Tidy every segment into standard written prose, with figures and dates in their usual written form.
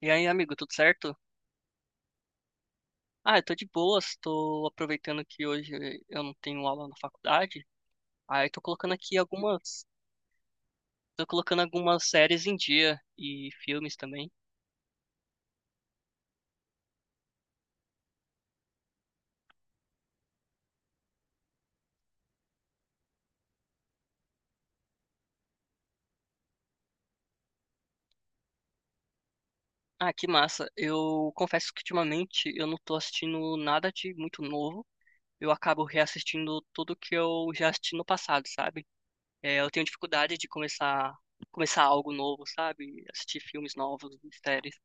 E aí, amigo, tudo certo? Ah, eu tô de boas, tô aproveitando que hoje eu não tenho aula na faculdade. Aí tô colocando aqui algumas, tô colocando algumas séries em dia e filmes também. Ah, que massa. Eu confesso que ultimamente eu não tô assistindo nada de muito novo. Eu acabo reassistindo tudo que eu já assisti no passado, sabe? Eu tenho dificuldade de começar algo novo, sabe? Assistir filmes novos, séries.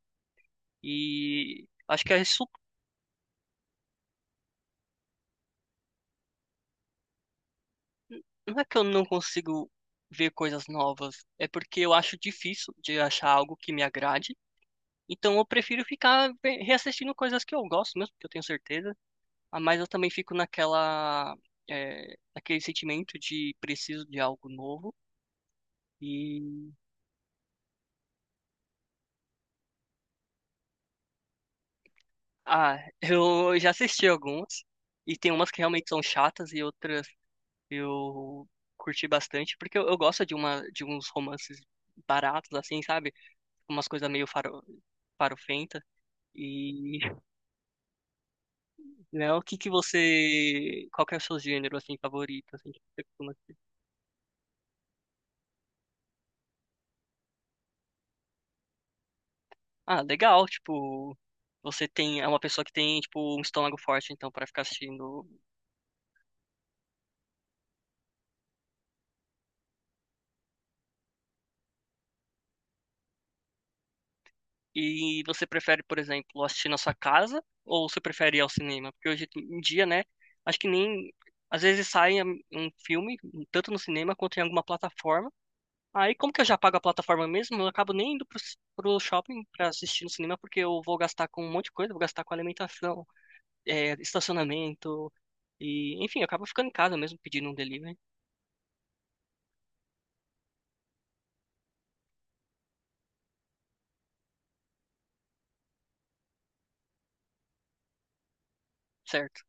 E acho que é isso. Não é que eu não consigo ver coisas novas, é porque eu acho difícil de achar algo que me agrade. Então eu prefiro ficar reassistindo coisas que eu gosto mesmo, que eu tenho certeza. Ah, mas eu também fico naquela, naquele sentimento de preciso de algo novo. E ah, eu já assisti algumas, e tem umas que realmente são chatas e outras eu curti bastante porque eu gosto de uma de uns romances baratos assim, sabe? Umas coisas meio farofentas. E, né, o que que você, qual que é o seu gênero, assim, favorito, assim, que você costuma- Ah, legal, tipo, é uma pessoa que tem, tipo, um estômago forte, então, pra ficar assistindo. E você prefere, por exemplo, assistir na sua casa ou você prefere ir ao cinema? Porque hoje em dia, né, acho que nem, às vezes sai um filme, tanto no cinema quanto em alguma plataforma. Aí, como que eu já pago a plataforma mesmo, eu acabo nem indo pro shopping pra assistir no cinema, porque eu vou gastar com um monte de coisa, vou gastar com alimentação. Estacionamento e, enfim, eu acabo ficando em casa mesmo pedindo um delivery, certo?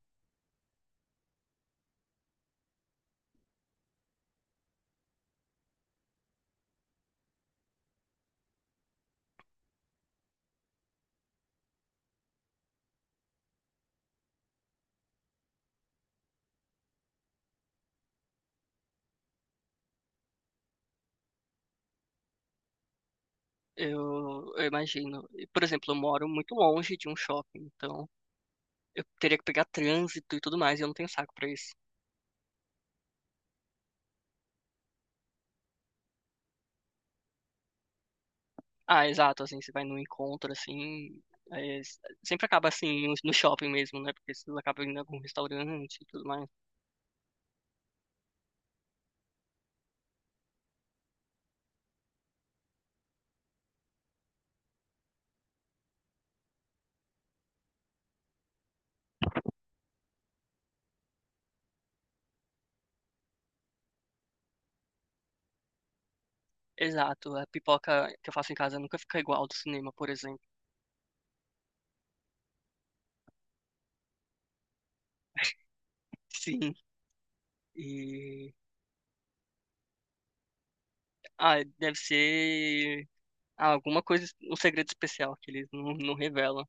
Eu imagino. E, por exemplo, eu moro muito longe de um shopping, então eu teria que pegar trânsito e tudo mais, e eu não tenho saco pra isso. Ah, exato, assim, você vai num encontro, assim, sempre acaba assim no shopping mesmo, né? Porque você acaba indo em algum restaurante e tudo mais. Exato, a pipoca que eu faço em casa nunca fica igual ao do cinema, por exemplo. Sim. E ah, deve ser alguma coisa, um segredo especial que eles não revelam.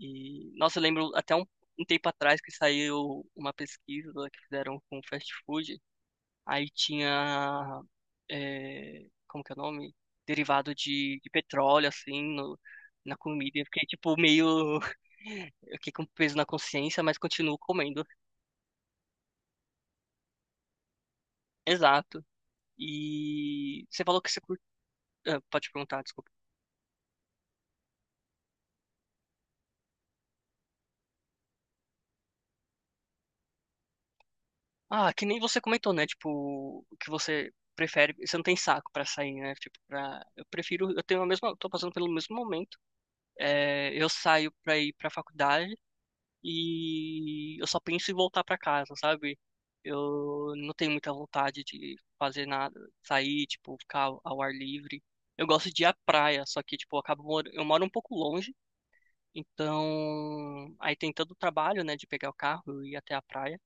E, nossa, eu lembro até um tempo atrás que saiu uma pesquisa que fizeram com fast food. Aí tinha, como que é o nome? Derivado de petróleo, assim, no, na comida. Eu fiquei, tipo, meio... Eu fiquei com peso na consciência, mas continuo comendo. Exato. E você falou que você... cur- ah, pode perguntar, desculpa. Ah, que nem você comentou, né? Tipo, que você prefere, você não tem saco pra sair, né? Tipo, pra, eu prefiro, eu tenho a mesma, tô passando pelo mesmo momento. Eu saio pra ir pra faculdade e eu só penso em voltar pra casa, sabe? Eu não tenho muita vontade de fazer nada, sair, tipo, ficar ao ar livre. Eu gosto de ir à praia, só que, tipo, eu acabo, eu moro um pouco longe, então aí tem todo o trabalho, né, de pegar o carro e ir até a praia.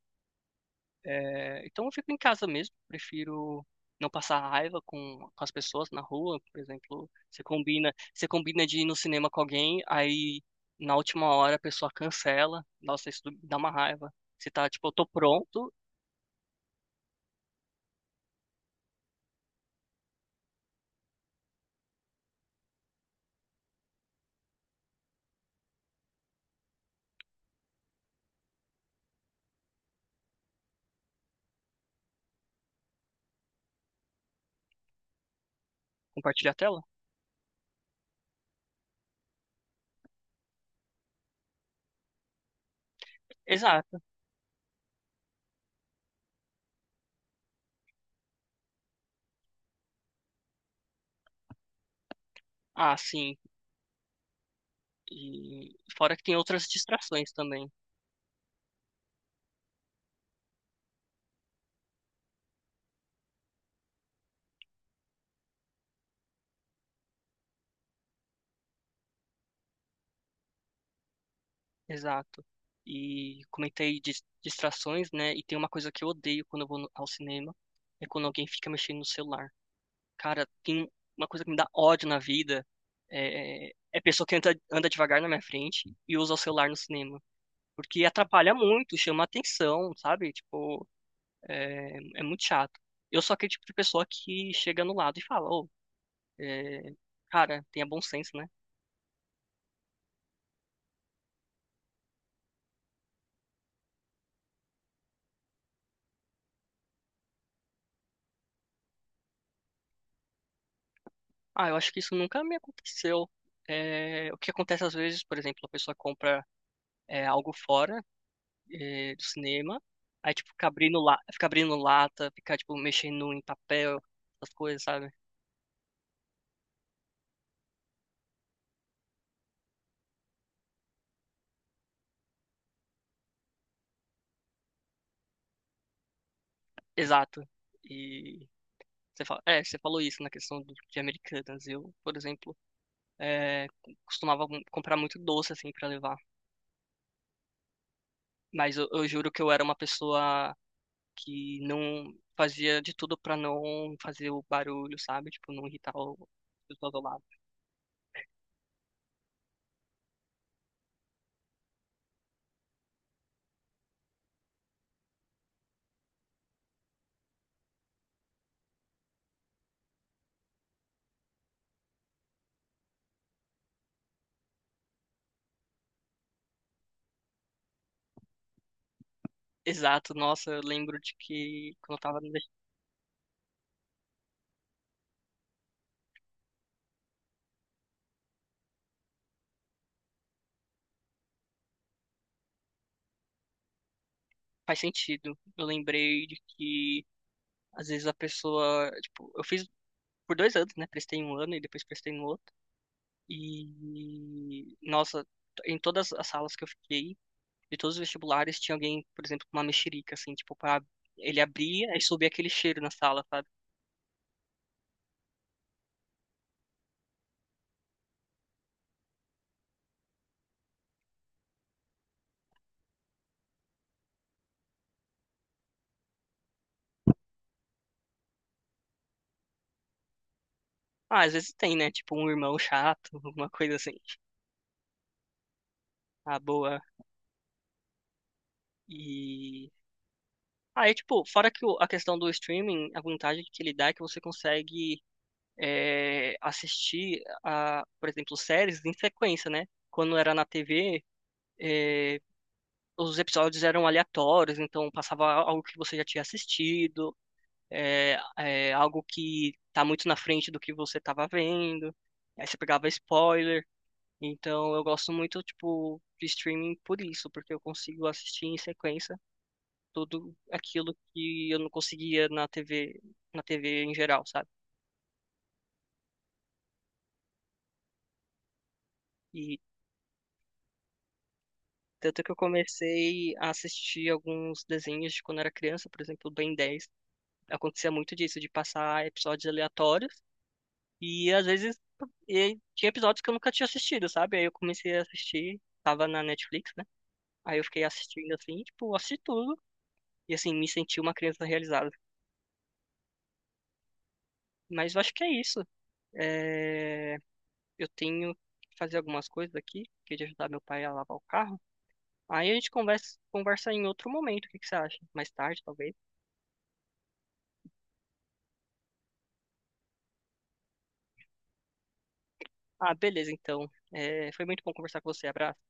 Então eu fico em casa mesmo, prefiro não passar raiva com as pessoas na rua. Por exemplo, você combina, de ir no cinema com alguém, aí na última hora a pessoa cancela, nossa, isso dá uma raiva. Você tá tipo, eu tô pronto, compartilha a tela? Exato. Ah, sim. E fora que tem outras distrações também. Exato. E comentei dis- distrações, né? E tem uma coisa que eu odeio quando eu vou no- ao cinema, é quando alguém fica mexendo no celular. Cara, tem uma coisa que me dá ódio na vida é pessoa que anda devagar na minha frente e usa o celular no cinema. Porque atrapalha muito, chama atenção, sabe? Tipo, é muito chato. Eu sou aquele tipo de pessoa que chega no lado e fala, ô, é, cara, tenha bom senso, né? Ah, eu acho que isso nunca me aconteceu. É, o que acontece às vezes, por exemplo, a pessoa compra algo fora do cinema. Aí, tipo, ficar abrindo, la... ficar abrindo lata, ficar, tipo, mexendo em papel, essas coisas, sabe? Exato. E você fala... é, você falou isso na questão de americanas. Eu, por exemplo, é, costumava comprar muito doce, assim, pra levar. Mas eu juro que eu era uma pessoa que não fazia de tudo pra não fazer o barulho, sabe? Tipo, não irritar o... as pessoas ao lado. Exato, nossa, eu lembro de que quando eu tava no vesti- Faz sentido. Eu lembrei de que às vezes a pessoa, tipo, eu fiz por 2 anos, né? Prestei um ano e depois prestei no outro. E, nossa, em todas as salas que eu fiquei, de todos os vestibulares, tinha alguém, por exemplo, com uma mexerica, assim, tipo, pra... ele abria e subia aquele cheiro na sala, sabe? Ah, às vezes tem, né? Tipo, um irmão chato, alguma coisa assim. Ah, boa. E ah, é tipo, fora que a questão do streaming, a vantagem que ele dá é que você consegue assistir, por exemplo, séries em sequência, né? Quando era na TV, é, os episódios eram aleatórios, então passava algo que você já tinha assistido, algo que tá muito na frente do que você tava vendo. Aí você pegava spoiler. Então eu gosto muito, tipo, de streaming por isso, porque eu consigo assistir em sequência tudo aquilo que eu não conseguia na TV, na TV em geral, sabe? E tanto que eu comecei a assistir alguns desenhos de quando era criança, por exemplo, Ben 10. Acontecia muito disso, de passar episódios aleatórios. E às vezes tinha episódios que eu nunca tinha assistido, sabe? Aí eu comecei a assistir, tava na Netflix, né? Aí eu fiquei assistindo assim, tipo, assisti tudo. E assim, me senti uma criança realizada. Mas eu acho que é isso. É... eu tenho que fazer algumas coisas aqui, que é de ajudar meu pai a lavar o carro. Aí a gente conversa, conversa em outro momento, o que que você acha? Mais tarde, talvez. Ah, beleza, então. É... foi muito bom conversar com você. Abraço.